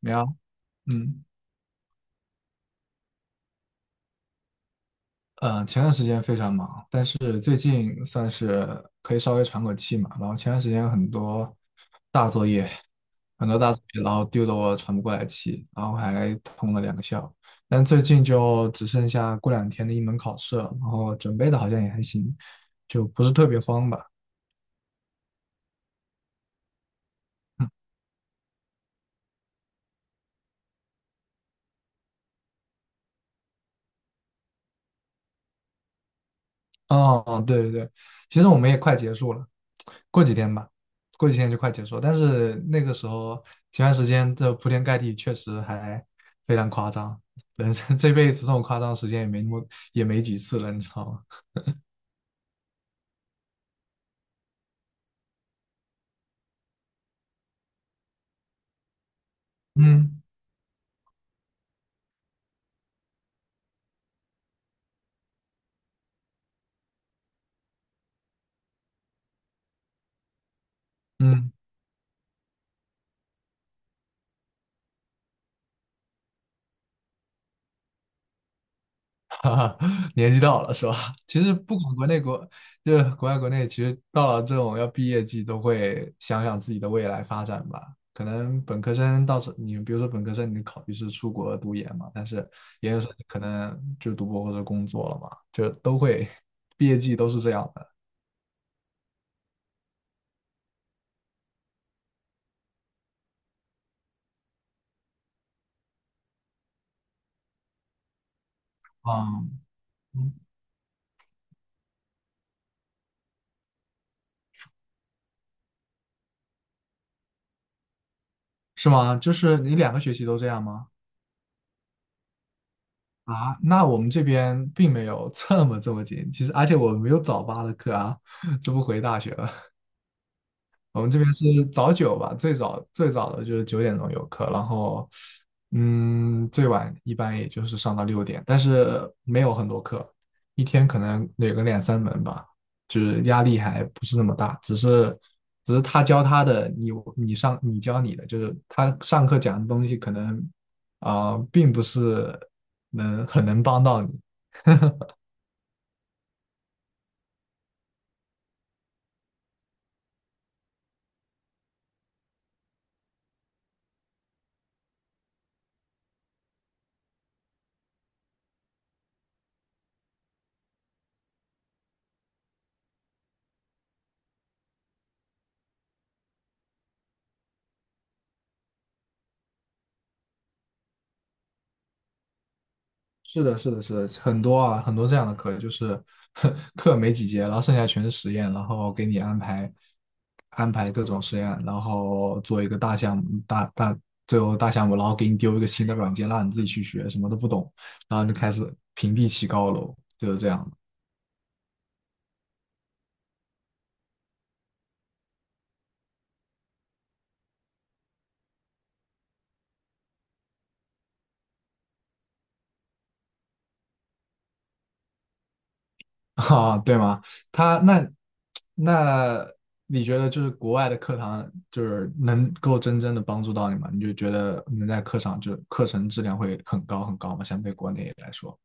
你好。嗯前段时间非常忙，但是最近算是可以稍微喘口气嘛。然后前段时间大作业，很多大作业，然后丢得我喘不过来气，然后还通了两个宵。但最近就只剩下过两天的一门考试了，然后准备的好像也还行，就不是特别慌吧。哦，哦，对对对，其实我们也快结束了，过几天吧，过几天就快结束了。但是那个时候前段时间这铺天盖地，确实还非常夸张。人生这辈子这种夸张的时间也没几次了，你知道吗？嗯嗯。哈哈，年纪到了是吧？其实不管国内国，就是国外国内，其实到了这种要毕业季，都会想想自己的未来发展吧。可能本科生到时候你比如说本科生，你考虑是出国读研嘛，但是研究生可能就读博或者工作了嘛，就都会毕业季都是这样的。嗯。嗯是吗？就是你两个学期都这样吗？啊，那我们这边并没有这么紧，其实而且我没有早八的课啊。这不回大学了。我们这边是早九吧，最早最早的就是九点钟有课，然后最晚一般也就是上到六点，但是没有很多课，一天可能有个两三门吧，就是压力还不是那么大，只是他教他的，你教你的，就是他上课讲的东西可能并不是很能帮到你。是的，是的，是的，很多啊，很多这样的课，就是 课没几节，然后剩下全是实验，然后给你安排各种实验，然后做一个大项目，最后大项目，然后给你丢一个新的软件，让你自己去学，什么都不懂，然后就开始平地起高楼，就是这样。啊，对吗？他那那你觉得就是国外的课堂就是能够真正的帮助到你吗？你就觉得能在课上就是课程质量会很高很高吗？相对国内来说，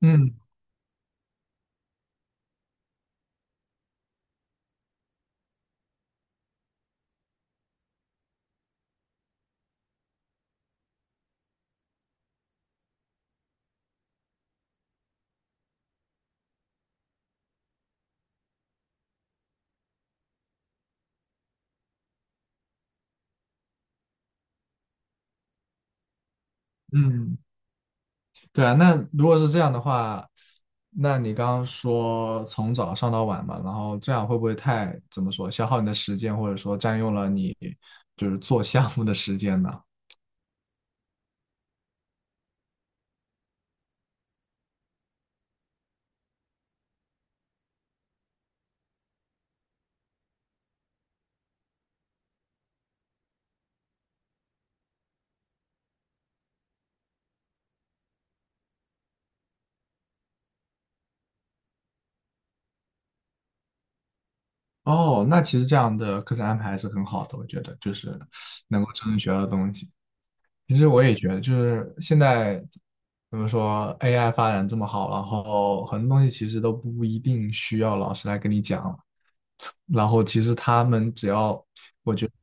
嗯嗯，对啊。那如果是这样的话，那你刚刚说从早上到晚嘛，然后这样会不会太怎么说消耗你的时间，或者说占用了你就是做项目的时间呢？哦，那其实这样的课程安排还是很好的，我觉得就是 能够真正学到东西。其实我也觉得，就是现在怎么说，AI 发展这么好，然后很多东西其实都不一定需要老师来跟你讲了，然后其实他们只要，我觉得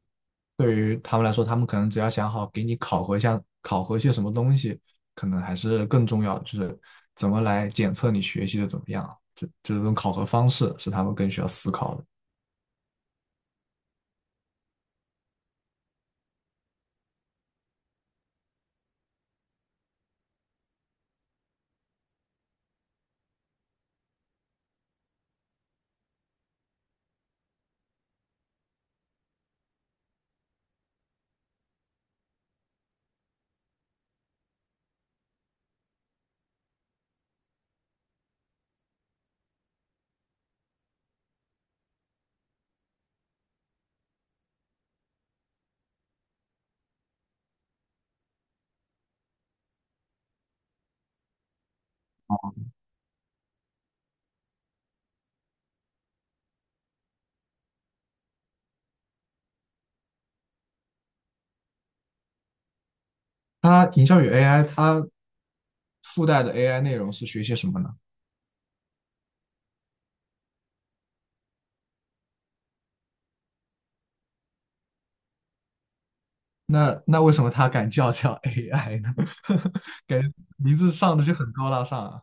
对于他们来说，他们可能只要想好给你考核一下，考核些什么东西，可能还是更重要的，就是怎么来检测你学习的怎么样，这种考核方式是他们更需要思考的。它营销与 AI，它附带的 AI 内容是学些什么呢？那为什么它敢叫 AI 呢？感觉名字上的就很高大上啊。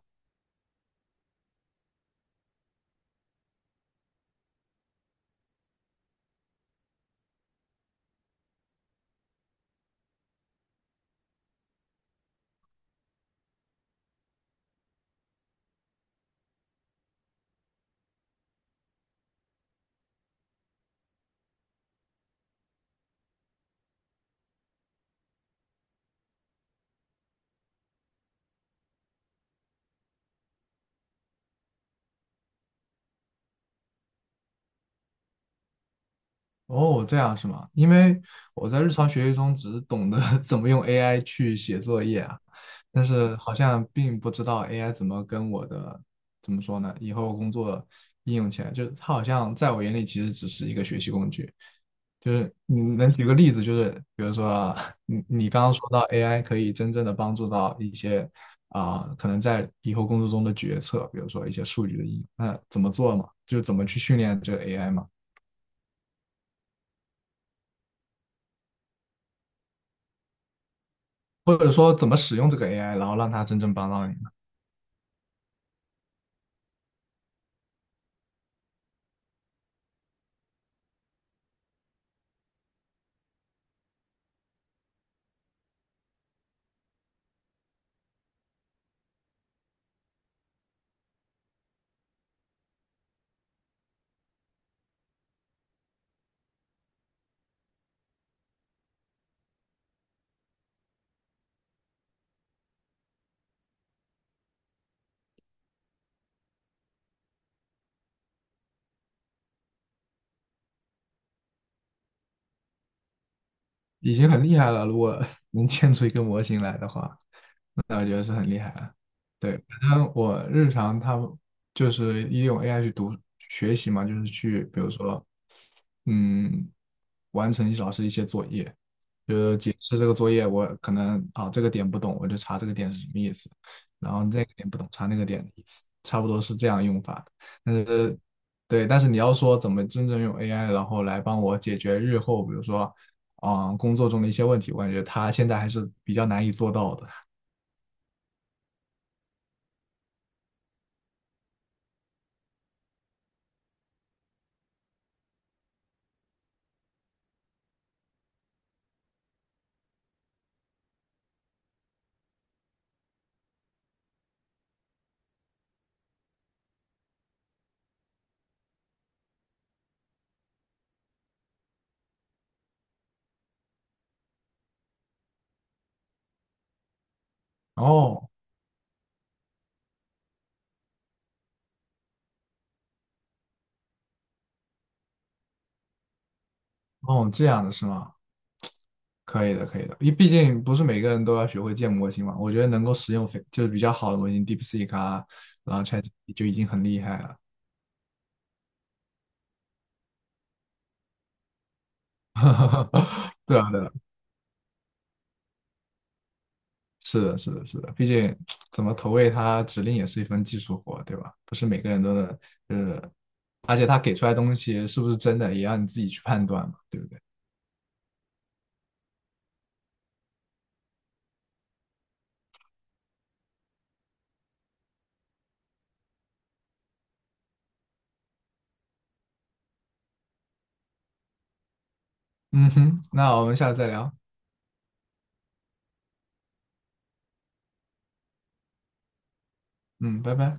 哦，这样是吗？因为我在日常学习中只懂得 怎么用 AI 去写作业啊，但是好像并不知道 AI 怎么跟我的，怎么说呢，以后工作应用起来，就是它好像在我眼里其实只是一个学习工具。就是你能举个例子，就是比如说啊你刚刚说到 AI 可以真正的帮助到一些可能在以后工作中的决策，比如说一些数据的应用，那怎么做嘛？就是怎么去训练这个 AI 嘛？或者说怎么使用这个 AI，然后让它真正帮到你呢？已经很厉害了，如果能建出一个模型来的话，那我觉得是很厉害了。对，反正我日常他就是利用 AI 去读学习嘛，就是去比如说，嗯，完成老师一些作业，就是解释这个作业，我可能啊这个点不懂，我就查这个点是什么意思，然后那个点不懂，查那个点的意思，差不多是这样用法的。但是对，但是你要说怎么真正用 AI，然后来帮我解决日后，比如说，啊工作中的一些问题，我感觉它现在还是比较难以做到的。哦哦，这样的是吗？可以的，可以的，因为毕竟不是每个人都要学会建模型嘛。我觉得能够使用非就是比较好的模型，DeepSeek 啊，然后 ChatGPT 就已经很厉害了。对啊，对啊，是的，是的，是的，毕竟怎么投喂它指令也是一份技术活，对吧？不是每个人都能，就是而且它给出来东西是不是真的，也要你自己去判断嘛，对不对？嗯哼，那我们下次再聊，嗯，拜拜。